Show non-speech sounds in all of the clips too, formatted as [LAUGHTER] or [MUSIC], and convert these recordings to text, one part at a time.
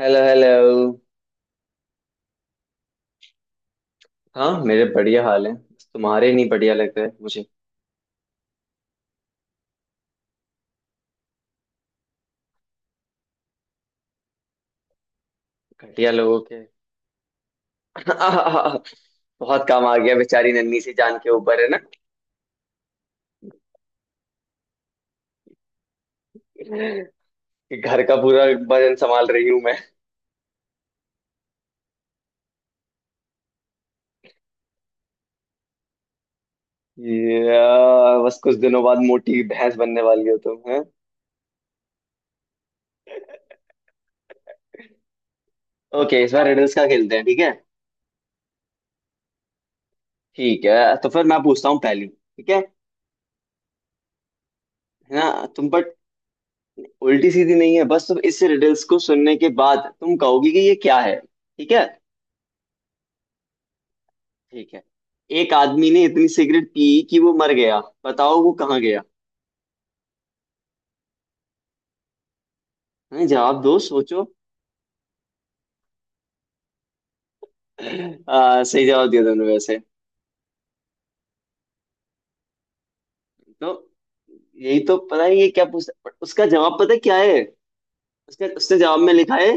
Hello hello. हाँ मेरे बढ़िया हाल है। तुम्हारे नहीं बढ़िया लग रहे मुझे। घटिया लोगों के। [LAUGHS] बहुत काम आ गया बेचारी नन्ही सी जान के ऊपर, है ना कि घर का पूरा वजन संभाल रही हूँ मैं। ये, बस कुछ दिनों बाद मोटी भैंस बनने वाली हो तुम, है। ओके इस बार रिडल्स का खेलते हैं, ठीक है। ठीक है तो फिर मैं पूछता हूँ पहली, ठीक है। है ना तुम बट उल्टी सीधी नहीं है, बस तुम इस रिडल्स को सुनने के बाद तुम कहोगी कि ये क्या है, ठीक है। ठीक है। एक आदमी ने इतनी सिगरेट पी कि वो मर गया। बताओ वो कहाँ गया। हैं, जवाब दो, सोचो। सही जवाब दिया दोनों वैसे। तो यही तो पता नहीं ये क्या पूछता, उसका जवाब पता है क्या है। उसका उसने जवाब में लिखा है,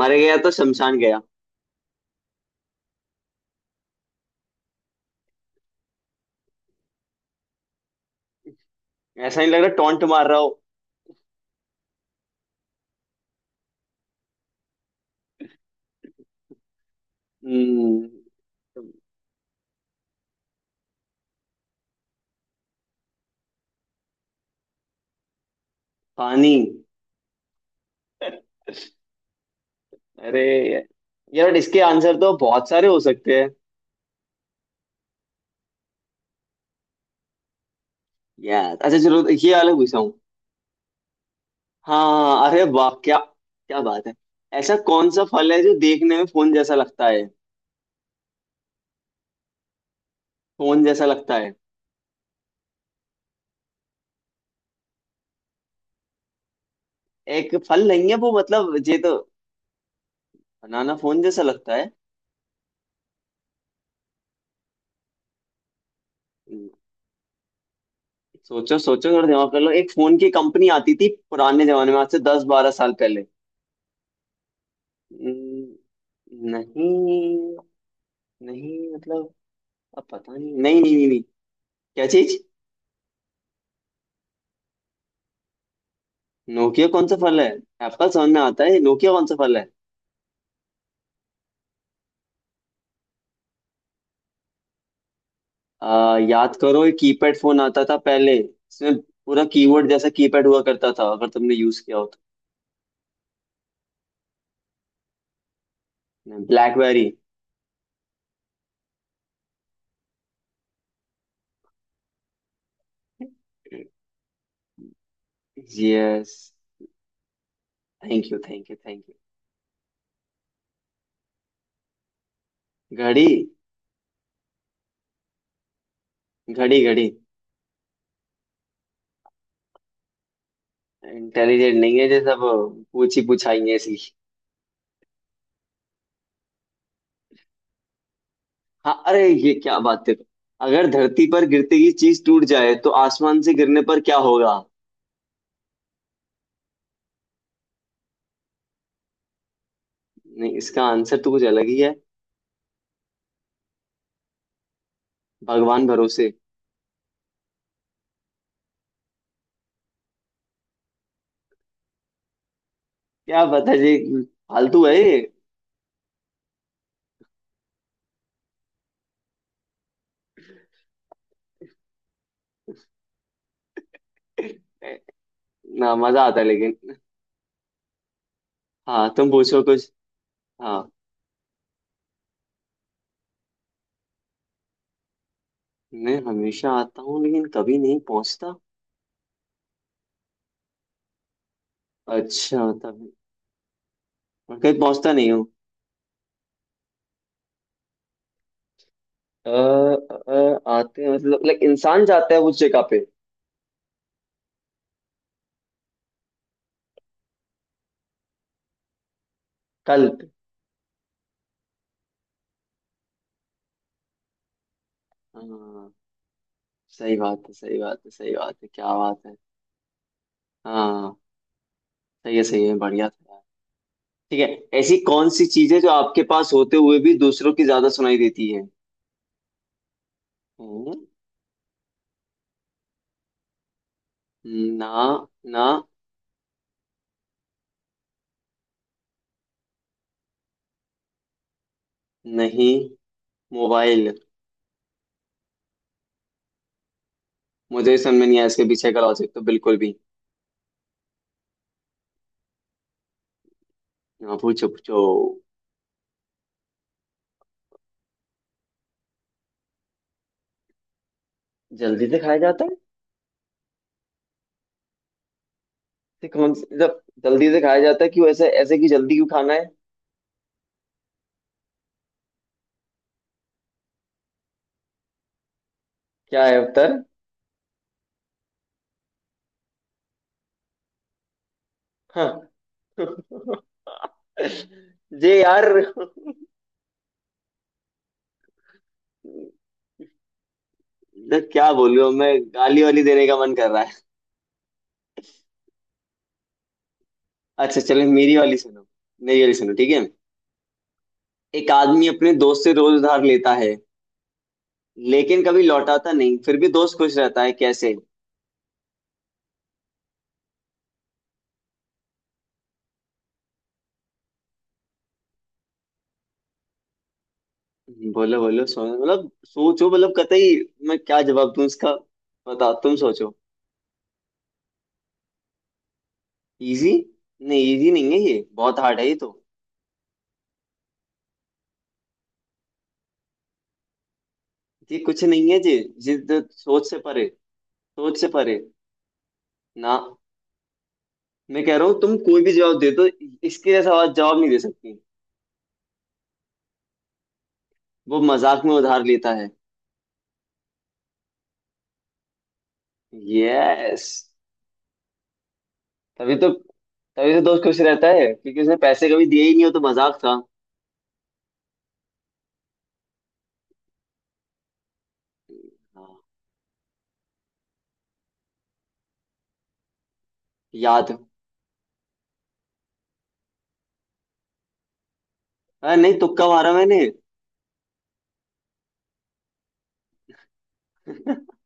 मर गया तो शमशान गया। ऐसा नहीं लग रहा टोंट मार रहा हो। हम्म, पानी। अरे यार इसके आंसर तो बहुत सारे हो सकते हैं। यार अच्छा चलो ये वाला पूछा। हाँ अरे वाह क्या, क्या बात है। ऐसा कौन सा फल है जो देखने में फोन जैसा लगता है। फोन जैसा लगता है। एक फल नहीं है वो, मतलब ये तो। बनाना फोन जैसा लगता है। हम्म, सोचो सोचो थोड़ा दिमाग कर लो, एक फोन की कंपनी आती थी पुराने जमाने में, आज से 10 12 साल पहले। हम्म, नहीं, नहीं मतलब, अब पता नहीं। नहीं नहीं नहीं, नहीं। क्या चीज। नोकिया कौन सा फल है। एप्पल समझ में आता है, नोकिया कौन सा फल है। याद करो, एक कीपैड फोन आता था पहले, इसमें पूरा कीबोर्ड जैसा कीपैड हुआ करता था, अगर तुमने यूज किया हो, तो BlackBerry. Yes. Thank you thank you thank you घड़ी। घड़ी घड़ी। इंटेलिजेंट नहीं है, जैसा वो पूछी पुछाई है ऐसी। हाँ अरे ये क्या बात है। अगर धरती पर गिरते ही चीज टूट जाए तो आसमान से गिरने पर क्या होगा। नहीं, इसका आंसर तो कुछ अलग ही है। भगवान भरोसे। क्या पता जी, फालतू है ये। ना मजा आता है लेकिन। हाँ तुम पूछो कुछ। हाँ। मैं हमेशा आता हूँ लेकिन कभी नहीं पहुंचता। अच्छा तभी। और कहीं पहुंचता नहीं हूँ। आते हैं मतलब लाइक इंसान जाता है उस जगह पे। कल पे। हाँ सही बात है सही बात है सही बात है, क्या बात है। हाँ सही है बढ़िया था यार। ठीक है। ऐसी कौन सी चीज है जो आपके पास होते हुए भी दूसरों की ज्यादा सुनाई देती है। हम्म, ना ना नहीं। मोबाइल। मुझे समझ में नहीं आया इसके पीछे का लॉजिक तो बिल्कुल भी। हाँ पूछो पूछो। जल्दी से खाया जाता है। ये कौन सी, मतलब जल्दी से खाया जाता है, क्यों ऐसे ऐसे कि जल्दी क्यों खाना है। क्या है उत्तर। हाँ। [LAUGHS] जे यार मतलब क्या बोलूं अब मैं। गाली वाली देने का मन कर रहा है। अच्छा चलो मेरी वाली सुनो। मेरी वाली सुनो, ठीक है। एक आदमी अपने दोस्त से रोज उधार लेता है, लेकिन कभी लौटाता नहीं, फिर भी दोस्त खुश रहता है, कैसे। बोलो बोलो, सो मतलब सोचो मतलब कतई। मैं क्या जवाब दूं इसका, बताओ तुम सोचो। इजी। नहीं इजी नहीं है ये, बहुत हार्ड है ये तो। ये कुछ नहीं है जी, जिद सोच से परे, सोच से परे। ना मैं कह रहा हूँ तुम कोई भी जवाब दे दो, इसके जैसा आवाज जवाब नहीं दे सकती। वो मजाक में उधार लेता है। यस। तभी तो, तभी तो दोस्त खुश रहता है, क्योंकि उसने पैसे कभी दिए ही नहीं, हो तो मजाक था। हाँ, याद। हाँ नहीं तुक्का मारा मैंने। [LAUGHS]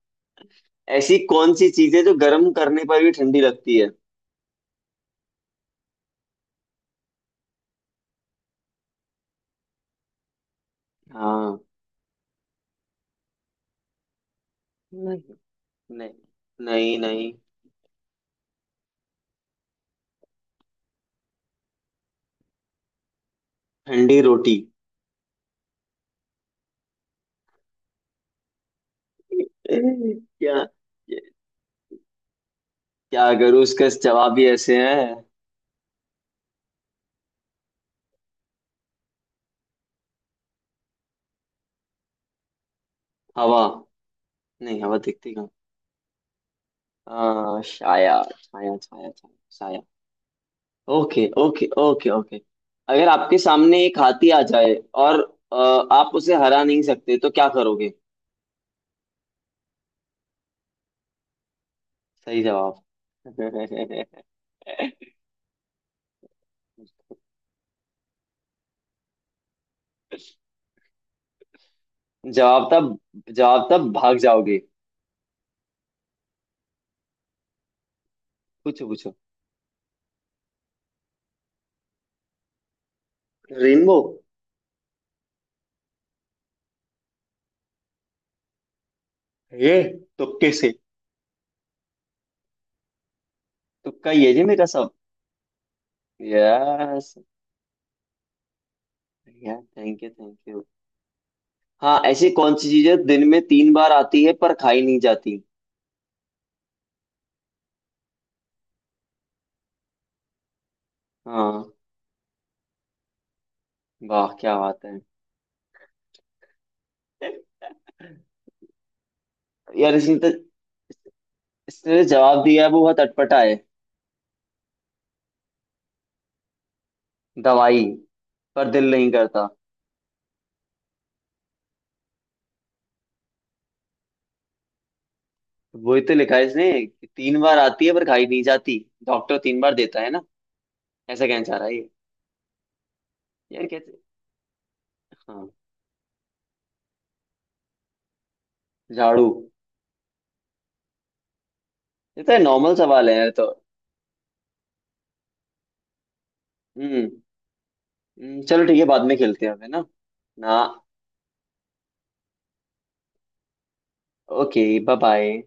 ऐसी कौन सी चीज है जो गर्म करने पर भी ठंडी लगती है। हाँ। नहीं नहीं नहीं नहीं। ठंडी रोटी। [LAUGHS] क्या। क्या करूँ, उसका जवाब ही ऐसे है। हवा। नहीं, हवा दिखती कहाँ। हाँ, छाया छाया छाया छाया छाया। Okay okay okay okay. अगर आपके सामने एक हाथी आ जाए और आप उसे हरा नहीं सकते तो क्या करोगे। सही जवाब। [LAUGHS] जवाब था। जवाब था भाग जाओगे। पूछो पूछो। रेनबो। ये तुक्के से। तुक्का ये जी मेरा सब। Yes. Thank you thank you. हाँ ऐसी कौन सी चीज है दिन में 3 बार आती है पर खाई नहीं जाती। हाँ वाह क्या बात है। यार इसने तो, इसने जो जवाब दिया है वो बहुत अटपटा है। दवाई पर दिल नहीं करता। वही तो लिखा है इसने कि 3 बार आती है पर खाई नहीं जाती, डॉक्टर 3 बार देता है ना। ऐसा कहना चाह रहा है ये। यार कैसे। हाँ झाड़ू। ये तो नॉर्मल सवाल है यार तो। हम्म। चलो ठीक है बाद में खेलते हैं अब, है ना। ना। Okay bye bye.